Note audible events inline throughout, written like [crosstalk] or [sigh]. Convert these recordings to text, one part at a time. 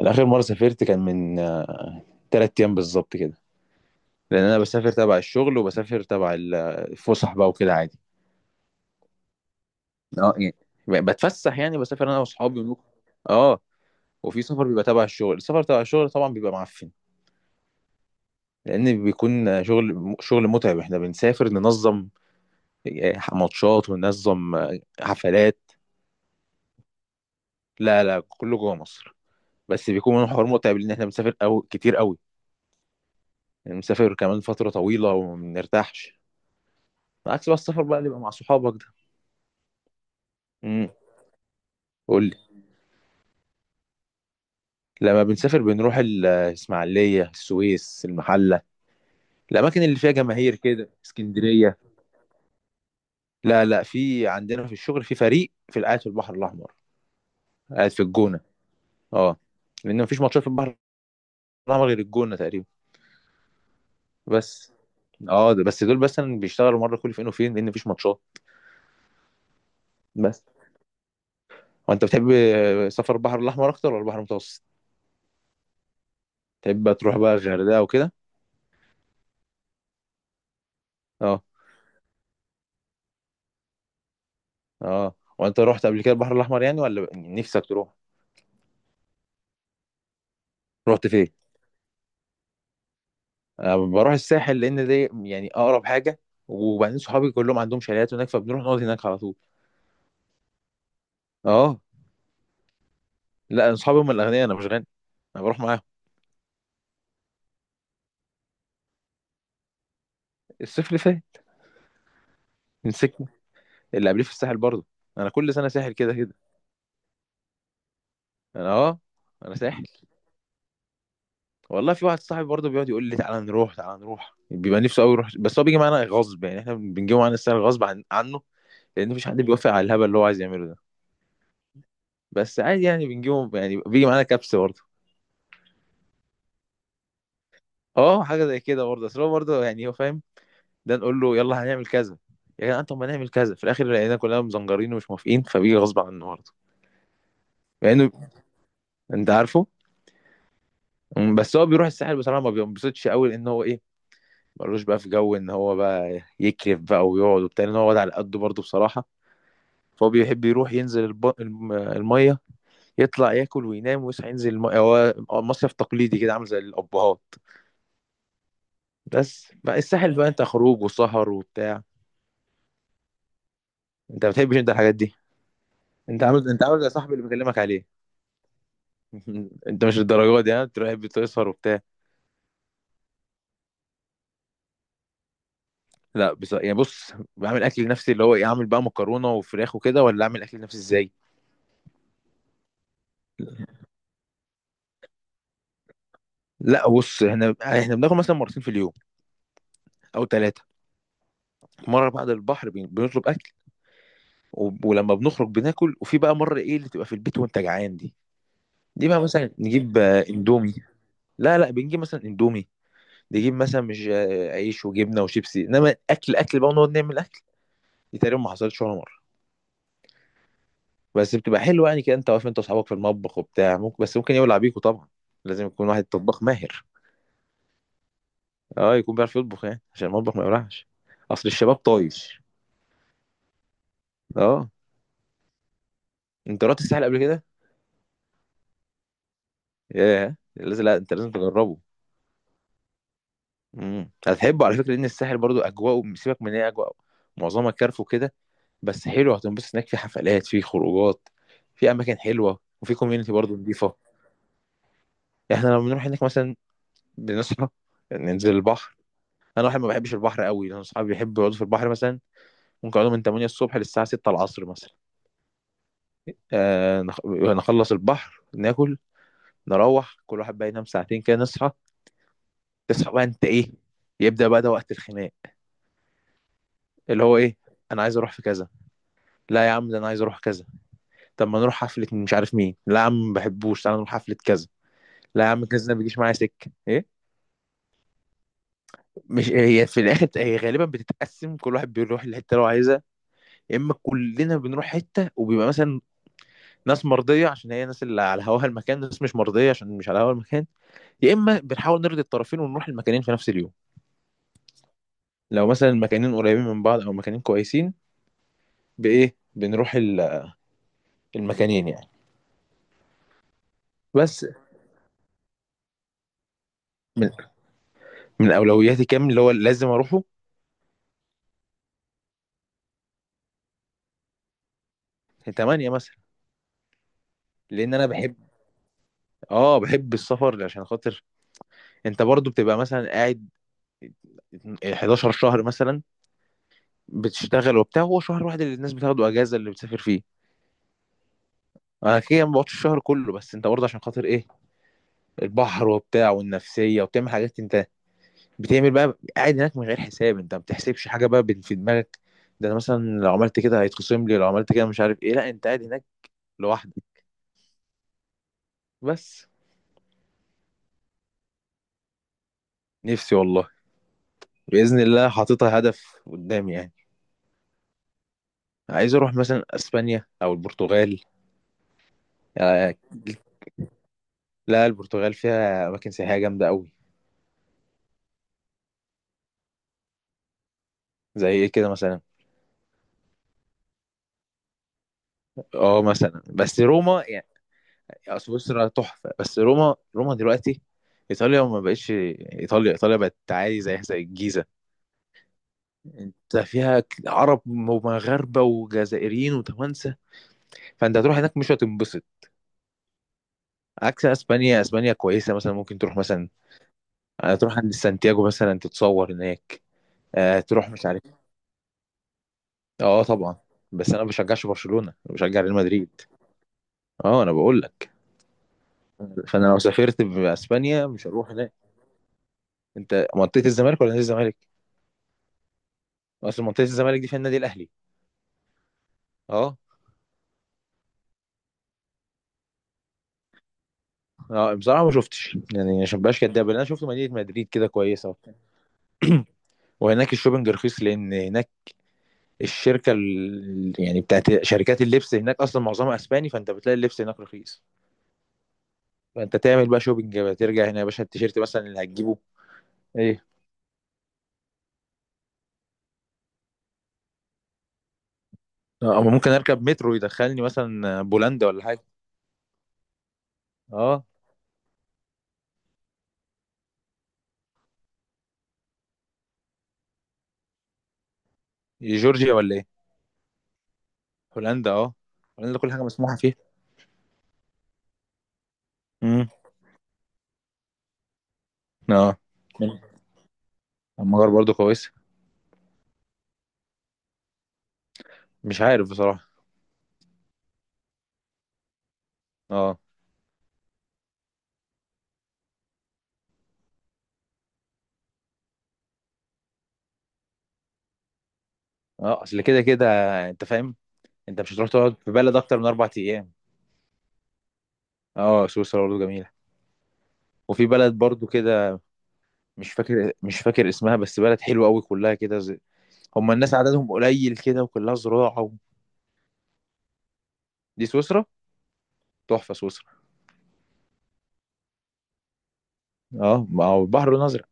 أنا آخر مرة سافرت كان من 3 أيام بالظبط كده. لأن أنا بسافر تبع الشغل وبسافر تبع الفسح بقى وكده عادي. اه يعني بتفسح، يعني بسافر أنا وأصحابي ونروح. اه. وفي سفر بيبقى تبع الشغل، السفر تبع الشغل طبعا بيبقى معفن. لأن بيكون شغل متعب، احنا بنسافر ننظم ماتشات وننظم حفلات. لا، لا، كله جوه مصر. بس بيكون من حوار متعب، لأن احنا بنسافر أو كتير قوي. يعني بنسافر كمان فترة طويلة وما بنرتاحش. عكس بقى السفر بقى اللي بيبقى مع صحابك ده. امم. لما بنسافر بنروح الإسماعيلية، السويس، المحلة، الأماكن اللي فيها جماهير كده، اسكندرية. لا، لا، في عندنا في الشغل في فريق في قاعد في البحر الأحمر. قاعد في الجونة. اه لأن مفيش ماتشات في البحر الأحمر غير الجونة تقريبا. بس. اه ده بس، دول بس بيشتغلوا مرة كل فين وفين لأن مفيش ماتشات. بس. وأنت بتحب سفر البحر الأحمر أكتر ولا البحر المتوسط؟ تحب بقى تروح بقى الغردقة وكده؟ اه. اه وأنت رحت قبل كده البحر الأحمر يعني ولا نفسك تروح؟ رحت فين؟ أنا بروح الساحل لان دي يعني اقرب حاجه. وبعدين صحابي كلهم عندهم شاليهات هناك، فبنروح نقعد هناك على طول. اه. لا، أنا صحابي هم الاغنياء، انا مش غني. انا بروح معاهم. الصيف اللي فات. مسكني. اللي قبليه في الساحل برضه. انا كل سنه ساحل كده كده. انا اه انا ساحل. والله في واحد صاحبي برضه بيقعد يقول لي تعالى نروح، تعالى نروح، بيبقى نفسه قوي يروح بس هو بيجي معانا غصب. يعني احنا بنجيبه معانا الساحل غصب عنه. لان مفيش حد بيوافق على الهبل اللي هو عايز يعمله ده. بس عادي يعني بنجيبه، يعني بيجي معانا كبس برضه. اه حاجه زي كده برضه، اصل هو برضه يعني هو فاهم. ده نقول له يلا هنعمل كذا، يا جدعان طب ما نعمل كذا، في الاخر لقينا كلنا مزنجرين ومش موافقين، فبيجي غصب عنه برضه. مع انه. انت عارفه. بس هو بيروح الساحل بصراحه ما بينبسطش قوي، لان هو ايه، ملوش بقى في جو ان هو بقى يكرف بقى ويقعد وبتاع، ان هو واد على قده برضه بصراحه. فهو بيحب يروح ينزل الميه، يطلع ياكل وينام ويصحى ينزل الميه، هو مصيف تقليدي كده عامل زي الابهات. بس بقى الساحل بقى انت خروج وسهر وبتاع. انت ما بتحبش انت الحاجات دي. انت عامل، انت عامل زي صاحبي اللي بكلمك عليه. [laughs] انت مش الدرجات دي ها تروح بتسهر وبتاع. لا، بس يعني بص بعمل اكل لنفسي، اللي هو ايه، اعمل بقى مكرونه وفراخ وكده، ولا اعمل اكل لنفسي ازاي. لا بص احنا، احنا بناكل مثلا مرتين في اليوم او ثلاثه. مره بعد البحر بنطلب اكل، ولما بنخرج بناكل، وفي بقى مره ايه اللي تبقى في البيت وانت جعان دي. دي بقى مثلا نجيب اندومي. لا، لا، بنجيب مثلا اندومي، نجيب مثلا مش عيش وجبنه وشيبسي، انما اكل اكل بقى ونقعد نعمل اكل. دي تقريبا ما حصلتش ولا مره. بس بتبقى حلوه يعني كده، انت واقف انت واصحابك في المطبخ وبتاع، ممكن بس ممكن يولع بيكوا طبعا، لازم يكون واحد طباخ ماهر. اه يكون بيعرف يطبخ يعني عشان المطبخ ما يولعش. اصل الشباب طايش. اه. انت رحت الساحل قبل كده؟ ياه لازم، لا انت لازم تجربه. هتحبه على فكره، لان الساحل برضو اجواء، سيبك من إن هي اجواء معظمها كارف وكده، بس حلو هتنبسط هناك، في حفلات، في خروجات، في اماكن حلوه، وفي كوميونتي برضو نضيفه. يعني احنا لما بنروح هناك مثلا بنصحى، ننزل البحر. انا واحد ما بحبش البحر قوي، انا اصحابي بيحبوا يقعدوا في البحر مثلا ممكن اقعده من 8 الصبح للساعه 6 العصر مثلا. نخلص البحر، ناكل، نروح كل واحد بقى ينام ساعتين كده، نصحى. تصحى بقى انت ايه، يبدا بقى ده وقت الخناق، اللي هو ايه، انا عايز اروح في كذا، لا يا عم ده انا عايز اروح كذا، طب ما نروح حفله مش عارف مين، لا يا عم ما بحبوش تعالى نروح حفله كذا، لا يا عم كذا ده ما بيجيش معايا سكه ايه. مش هي في الاخر هي غالبا بتتقسم كل واحد بيروح الحته اللي هو عايزها. يا اما كلنا بنروح حته وبيبقى مثلا ناس مرضيه عشان هي ناس اللي على هواها المكان، ناس مش مرضيه عشان مش على هواها المكان. يا اما بنحاول نرضي الطرفين ونروح المكانين في نفس اليوم، لو مثلا المكانين قريبين من بعض او مكانين كويسين. بايه بنروح المكانين يعني. بس. من من اولوياتي كام اللي هو لازم اروحه؟ 8 مثلا. لان انا بحب، اه بحب السفر عشان خاطر، انت برضو بتبقى مثلا قاعد 11 شهر مثلا بتشتغل وبتاع، هو شهر واحد اللي الناس بتاخده اجازه اللي بتسافر فيه. انا كده ما بقعدش الشهر كله، بس انت برضه عشان خاطر ايه، البحر وبتاع والنفسيه، وبتعمل حاجات انت بتعمل بقى قاعد هناك من غير حساب، انت ما بتحسبش حاجه بقى في دماغك، ده انا مثلا لو عملت كده هيتخصم لي، لو عملت كده مش عارف ايه، لا انت قاعد هناك لوحدك. بس. نفسي والله. باذن الله حاططها هدف قدامي يعني. عايز اروح مثلا اسبانيا او البرتغال. يعني. لا البرتغال فيها اماكن سياحيه جامده قوي. زي ايه كده مثلا. اه مثلا بس روما يعني. سويسرا تحفه، بس روما، روما دلوقتي، ايطاليا ما بقتش ايطاليا، ايطاليا بقت عادي زي زي الجيزه. انت فيها عرب ومغاربه وجزائريين وتوانسه، فانت هتروح هناك مش هتنبسط. عكس اسبانيا، اسبانيا كويسه، مثلا ممكن تروح مثلا تروح عند سانتياغو مثلا تتصور هناك، تروح مش عارف. اه طبعا. بس انا ما بشجعش برشلونه، انا بشجع ريال مدريد. اه انا بقول لك. فانا لو سافرت باسبانيا مش هروح هناك. انت منطقه الزمالك ولا نادي الزمالك؟ اصل منطقه الزمالك دي فيها النادي الاهلي. اه. اه بصراحه ما شفتش، يعني عشان ما بقاش كداب، اللي انا شفت مدينه مدريد كده كويسه وبتاع. [clears throat] وهناك الشوبنج رخيص لان هناك الشركه يعني بتاعت شركات اللبس هناك اصلا معظمها اسباني، فانت بتلاقي اللبس هناك رخيص. فانت تعمل بقى شوبينج بقى ترجع هنا يا باشا التيشيرت مثلا اللي هتجيبه. ايه. اه أما ممكن اركب مترو يدخلني مثلا بولندا ولا حاجه. اه. جورجيا ولا ايه؟ هولندا اه. هولندا كل حاجه مسموحه فيها. امم. اه. المجر برضو كويسه. مش عارف بصراحه. اه. اه اصل كده كده، انت فاهم. انت مش هتروح تقعد في بلد اكتر من 4 ايام. اه سويسرا برضو جميله. وفي بلد برضو كده. مش فاكر، مش فاكر اسمها، بس بلد حلوه قوي كلها كده زي... هم الناس عددهم قليل كده وكلها زراعه و... دي سويسرا. تحفه سويسرا. اه ما هو البحر الازرق.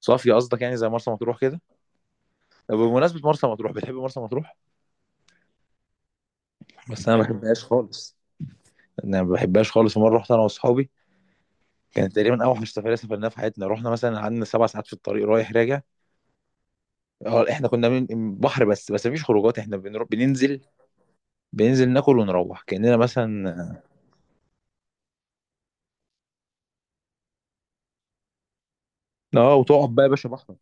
صافي قصدك، يعني زي مرسى مطروح كده. طب بمناسبه مرسى مطروح، بتحب مرسى مطروح؟ بس انا ما بحبهاش خالص. انا ما بحبهاش خالص، مره رحت انا واصحابي كانت تقريبا اوحش سفريه سافرناها في حياتنا، رحنا مثلا قعدنا 7 ساعات في الطريق رايح راجع. اه احنا كنا من بحر بس مفيش خروجات، احنا بنروح بننزل، بننزل ناكل ونروح كاننا مثلا. اه وتقعد بقى يا باشا بحر.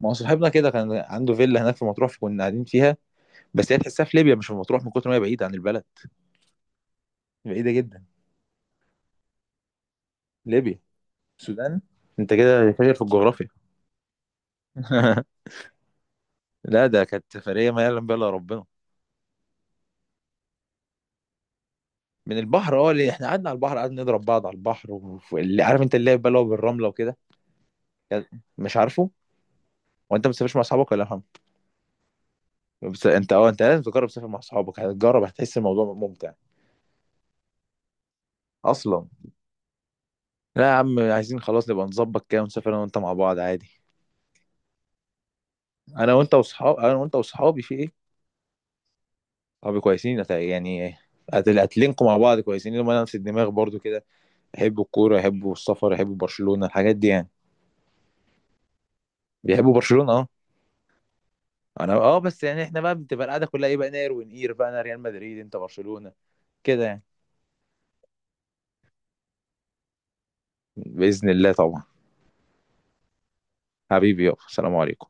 ما هو صاحبنا كده كان عنده فيلا هناك في مطروح كنا قاعدين فيها، بس هي تحسها في ليبيا مش في مطروح من كتر ما هي بعيدة عن البلد. بعيدة جدا. ليبيا. السودان. انت كده فاكر في الجغرافيا. [laughs] لا ده كانت سفرية ما يعلم بها الا ربنا. من البحر اه، اللي احنا قعدنا على البحر، قعدنا نضرب بعض على البحر، واللي عارف انت اللعب بقى اللي هو بالرملة وكده. مش عارفه. هو انت ما بتسافرش مع اصحابك ولا فاهم؟ بس انت اه، انت لازم تجرب تسافر مع اصحابك، هتجرب هتحس الموضوع ممتع. اصلا. لا يا عم عايزين خلاص نبقى نظبط كده ونسافر انا وانت مع بعض عادي. انا وانت واصحاب، انا وانت واصحابي في ايه. صحابي كويسين، هتلينكوا مع بعض كويسين لما انا نفس الدماغ برضو كده، يحبوا الكوره، يحبوا السفر، يحبوا برشلونه، الحاجات دي يعني. بيحبوا برشلونه اه. انا اه بس يعني احنا بقى بتبقى القعده كلها ايه بقى نار ونقير بقى، انا ريال مدريد انت برشلونه، كده يعني. باذن الله طبعا. حبيبي يابا، سلام عليكم.